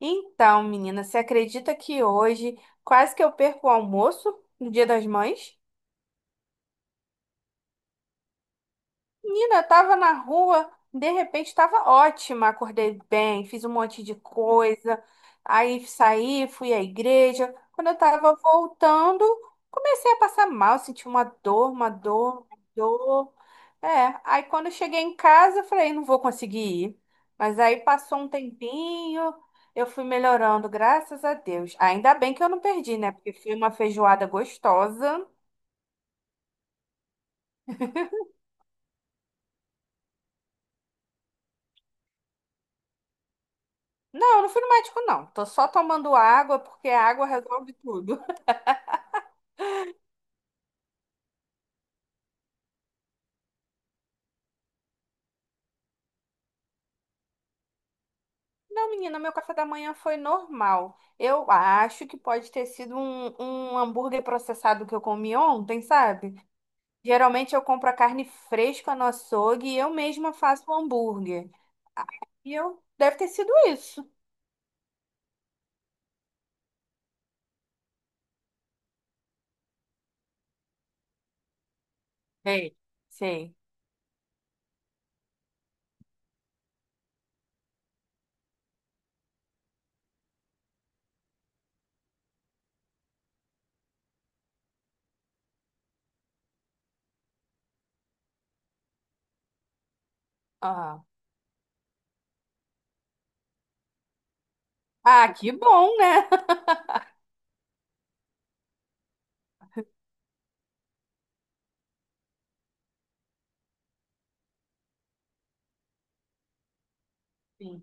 Então, menina, você acredita que hoje quase que eu perco o almoço no Dia das Mães? Menina, tava na rua, de repente tava ótima, acordei bem, fiz um monte de coisa, aí saí, fui à igreja. Quando eu tava voltando, comecei a passar mal, senti uma dor, uma dor, uma dor. É, aí quando eu cheguei em casa, eu falei, não vou conseguir ir. Mas aí passou um tempinho, eu fui melhorando, graças a Deus. Ainda bem que eu não perdi, né? Porque foi uma feijoada gostosa. Não, eu não fui no médico, não. Tô só tomando água, porque a água resolve tudo. Não, menina, meu café da manhã foi normal. Eu acho que pode ter sido um hambúrguer processado que eu comi ontem, sabe? Geralmente eu compro a carne fresca no açougue e eu mesma faço o hambúrguer. E eu deve ter sido isso. Sei. Sei. Aham. Ah, que bom, né? Sim.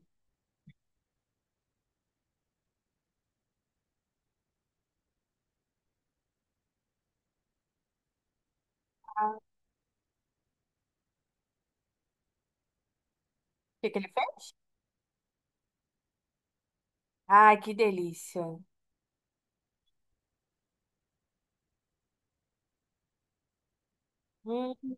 O que que ele fez? Ai, que delícia. Hum.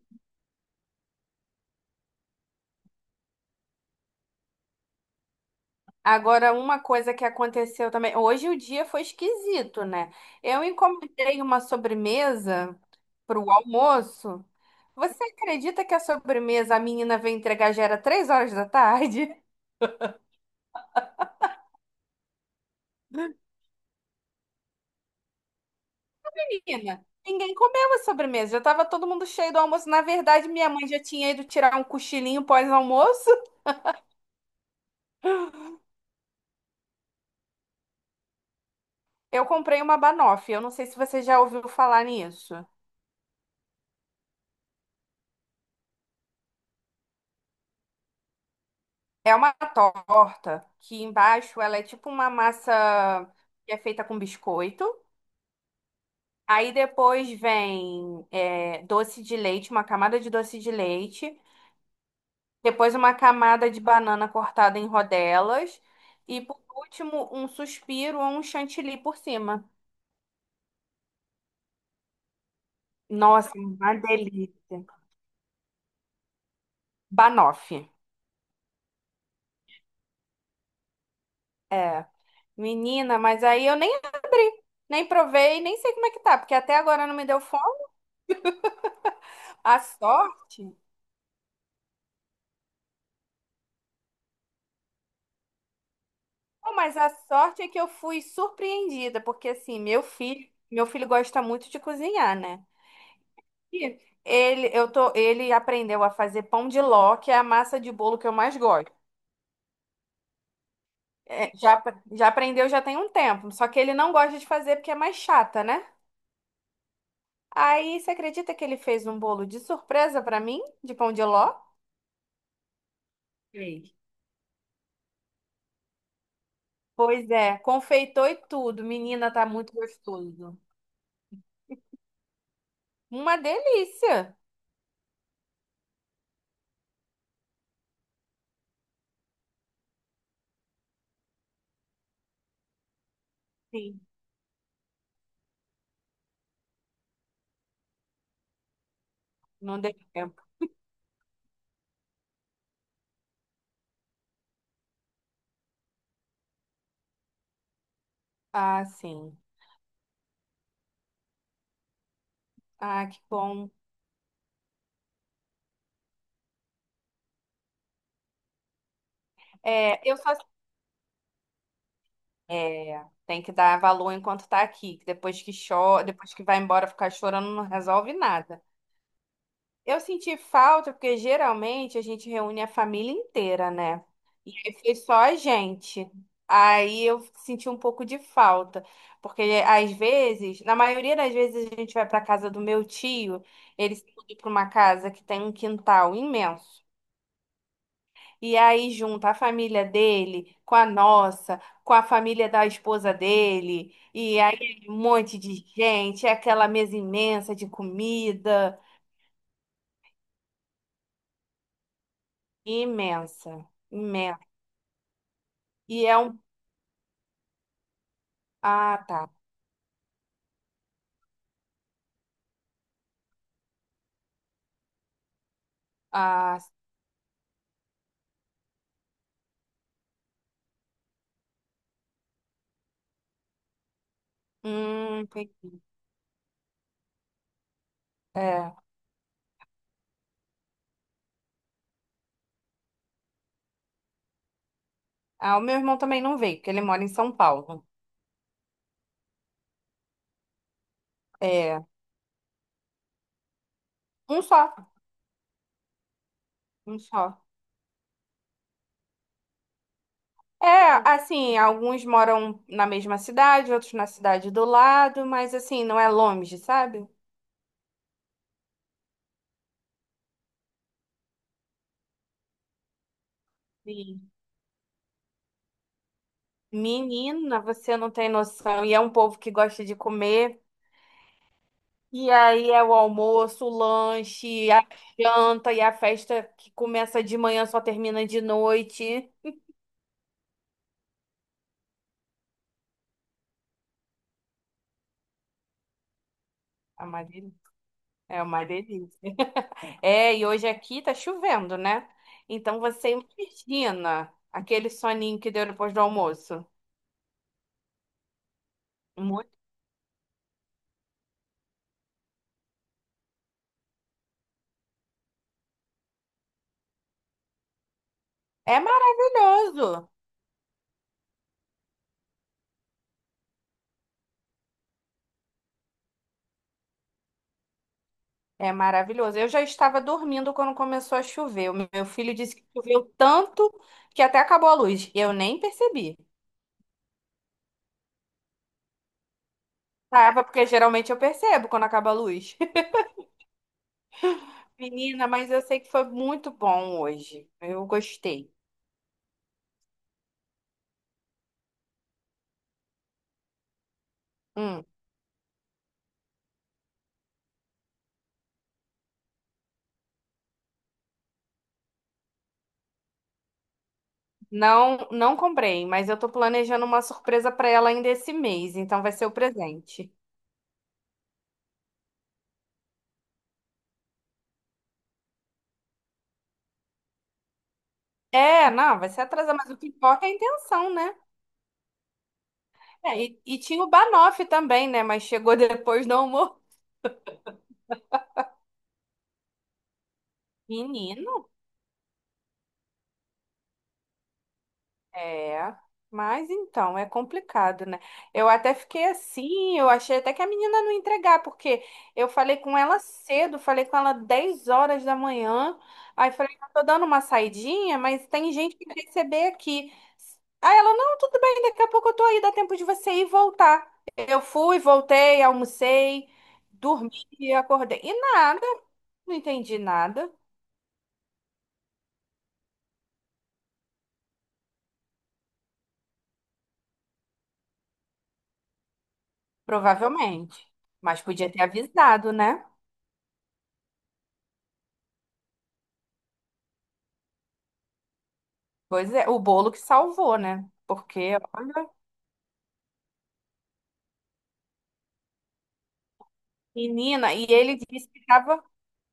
Agora, uma coisa que aconteceu também. Hoje o dia foi esquisito, né? Eu encomendei uma sobremesa para o almoço. Você acredita que a sobremesa a menina veio entregar já era 3 horas da tarde? Menina, ninguém comeu a sobremesa. Já tava todo mundo cheio do almoço. Na verdade, minha mãe já tinha ido tirar um cochilinho pós-almoço. Eu comprei uma banoffee. Eu não sei se você já ouviu falar nisso. É uma torta que embaixo ela é tipo uma massa que é feita com biscoito. Aí depois vem doce de leite, uma camada de doce de leite. Depois uma camada de banana cortada em rodelas. E por último, um suspiro ou um chantilly por cima. Nossa, uma delícia. Banoffee. É. Menina, mas aí eu nem abri, nem provei, nem sei como é que tá, porque até agora não me deu fome. A sorte. Bom, mas a sorte é que eu fui surpreendida, porque assim, meu filho gosta muito de cozinhar, né? E ele aprendeu a fazer pão de ló, que é a massa de bolo que eu mais gosto. É, já, já aprendeu já tem um tempo, só que ele não gosta de fazer porque é mais chata, né? Aí, você acredita que ele fez um bolo de surpresa pra mim, de pão de ló? Sei. Pois é, confeitou e tudo. Menina, tá muito gostoso. Uma delícia. Sim, não deu tempo. Ah, sim. Ah, que bom. É, eu só tem que dar valor enquanto tá aqui, que depois que chora, depois que vai embora ficar chorando não resolve nada. Eu senti falta porque geralmente a gente reúne a família inteira, né? E aí foi só a gente. Aí eu senti um pouco de falta, porque às vezes, na maioria das vezes a gente vai para casa do meu tio, ele se mudou para uma casa que tem um quintal imenso. E aí junta a família dele com a nossa, com a família da esposa dele, e aí é um monte de gente, é aquela mesa imensa de comida, imensa, imensa. E é um. Ah, tá. Ah, entendi. É. Ah, o meu irmão também não veio, porque ele mora em São Paulo. É, um só, um só. É, assim, alguns moram na mesma cidade, outros na cidade do lado, mas assim, não é longe, sabe? Menina, você não tem noção. E é um povo que gosta de comer. E aí é o almoço, o lanche, a janta e a festa que começa de manhã só termina de noite. É uma delícia. É uma delícia. É, e hoje aqui tá chovendo, né? Então você imagina aquele soninho que deu depois do almoço. Muito. É maravilhoso. É maravilhoso. Eu já estava dormindo quando começou a chover. O meu filho disse que choveu tanto que até acabou a luz. Eu nem percebi. Tava, porque geralmente eu percebo quando acaba a luz. Menina, mas eu sei que foi muito bom hoje. Eu gostei. Hum. Não, não comprei, mas eu tô planejando uma surpresa para ela ainda esse mês, então vai ser o presente. É, não, vai ser atrasado, mas o que importa é a intenção, né? E tinha o Banoff também, né? Mas chegou depois do almoço. Menina. É, mas então, é complicado, né? Eu até fiquei assim, eu achei até que a menina não ia entregar, porque eu falei com ela cedo, falei com ela 10 horas da manhã, aí falei, eu tô dando uma saidinha, mas tem gente que quer receber aqui. Aí ela, não, tudo bem, daqui a pouco eu tô aí, dá tempo de você ir e voltar. Eu fui, voltei, almocei, dormi e acordei. E nada, não entendi nada, provavelmente. Mas podia ter avisado, né? Pois é, o bolo que salvou, né? Porque, olha, menina, e ele disse que tava,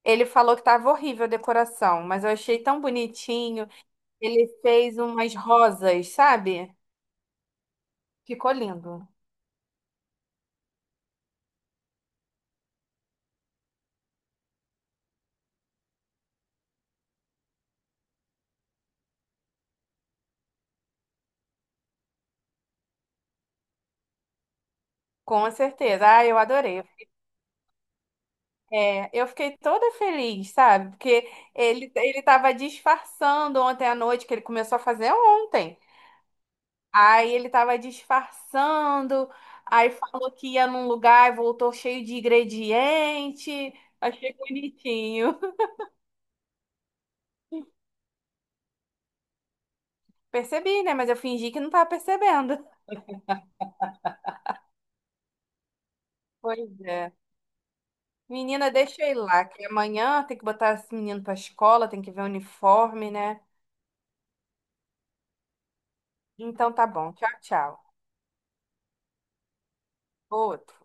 ele falou que tava horrível a decoração, mas eu achei tão bonitinho. Ele fez umas rosas, sabe? Ficou lindo. Com certeza. Ah, eu adorei. É, eu fiquei toda feliz, sabe? Porque ele tava disfarçando ontem à noite, que ele começou a fazer ontem. Aí ele tava disfarçando, aí falou que ia num lugar e voltou cheio de ingrediente. Achei bonitinho. Percebi, né? Mas eu fingi que não tava percebendo. Pois é. Menina, deixa ele lá, que amanhã tem que botar esse menino pra escola, tem que ver o uniforme, né? Então tá bom. Tchau, tchau. Outro.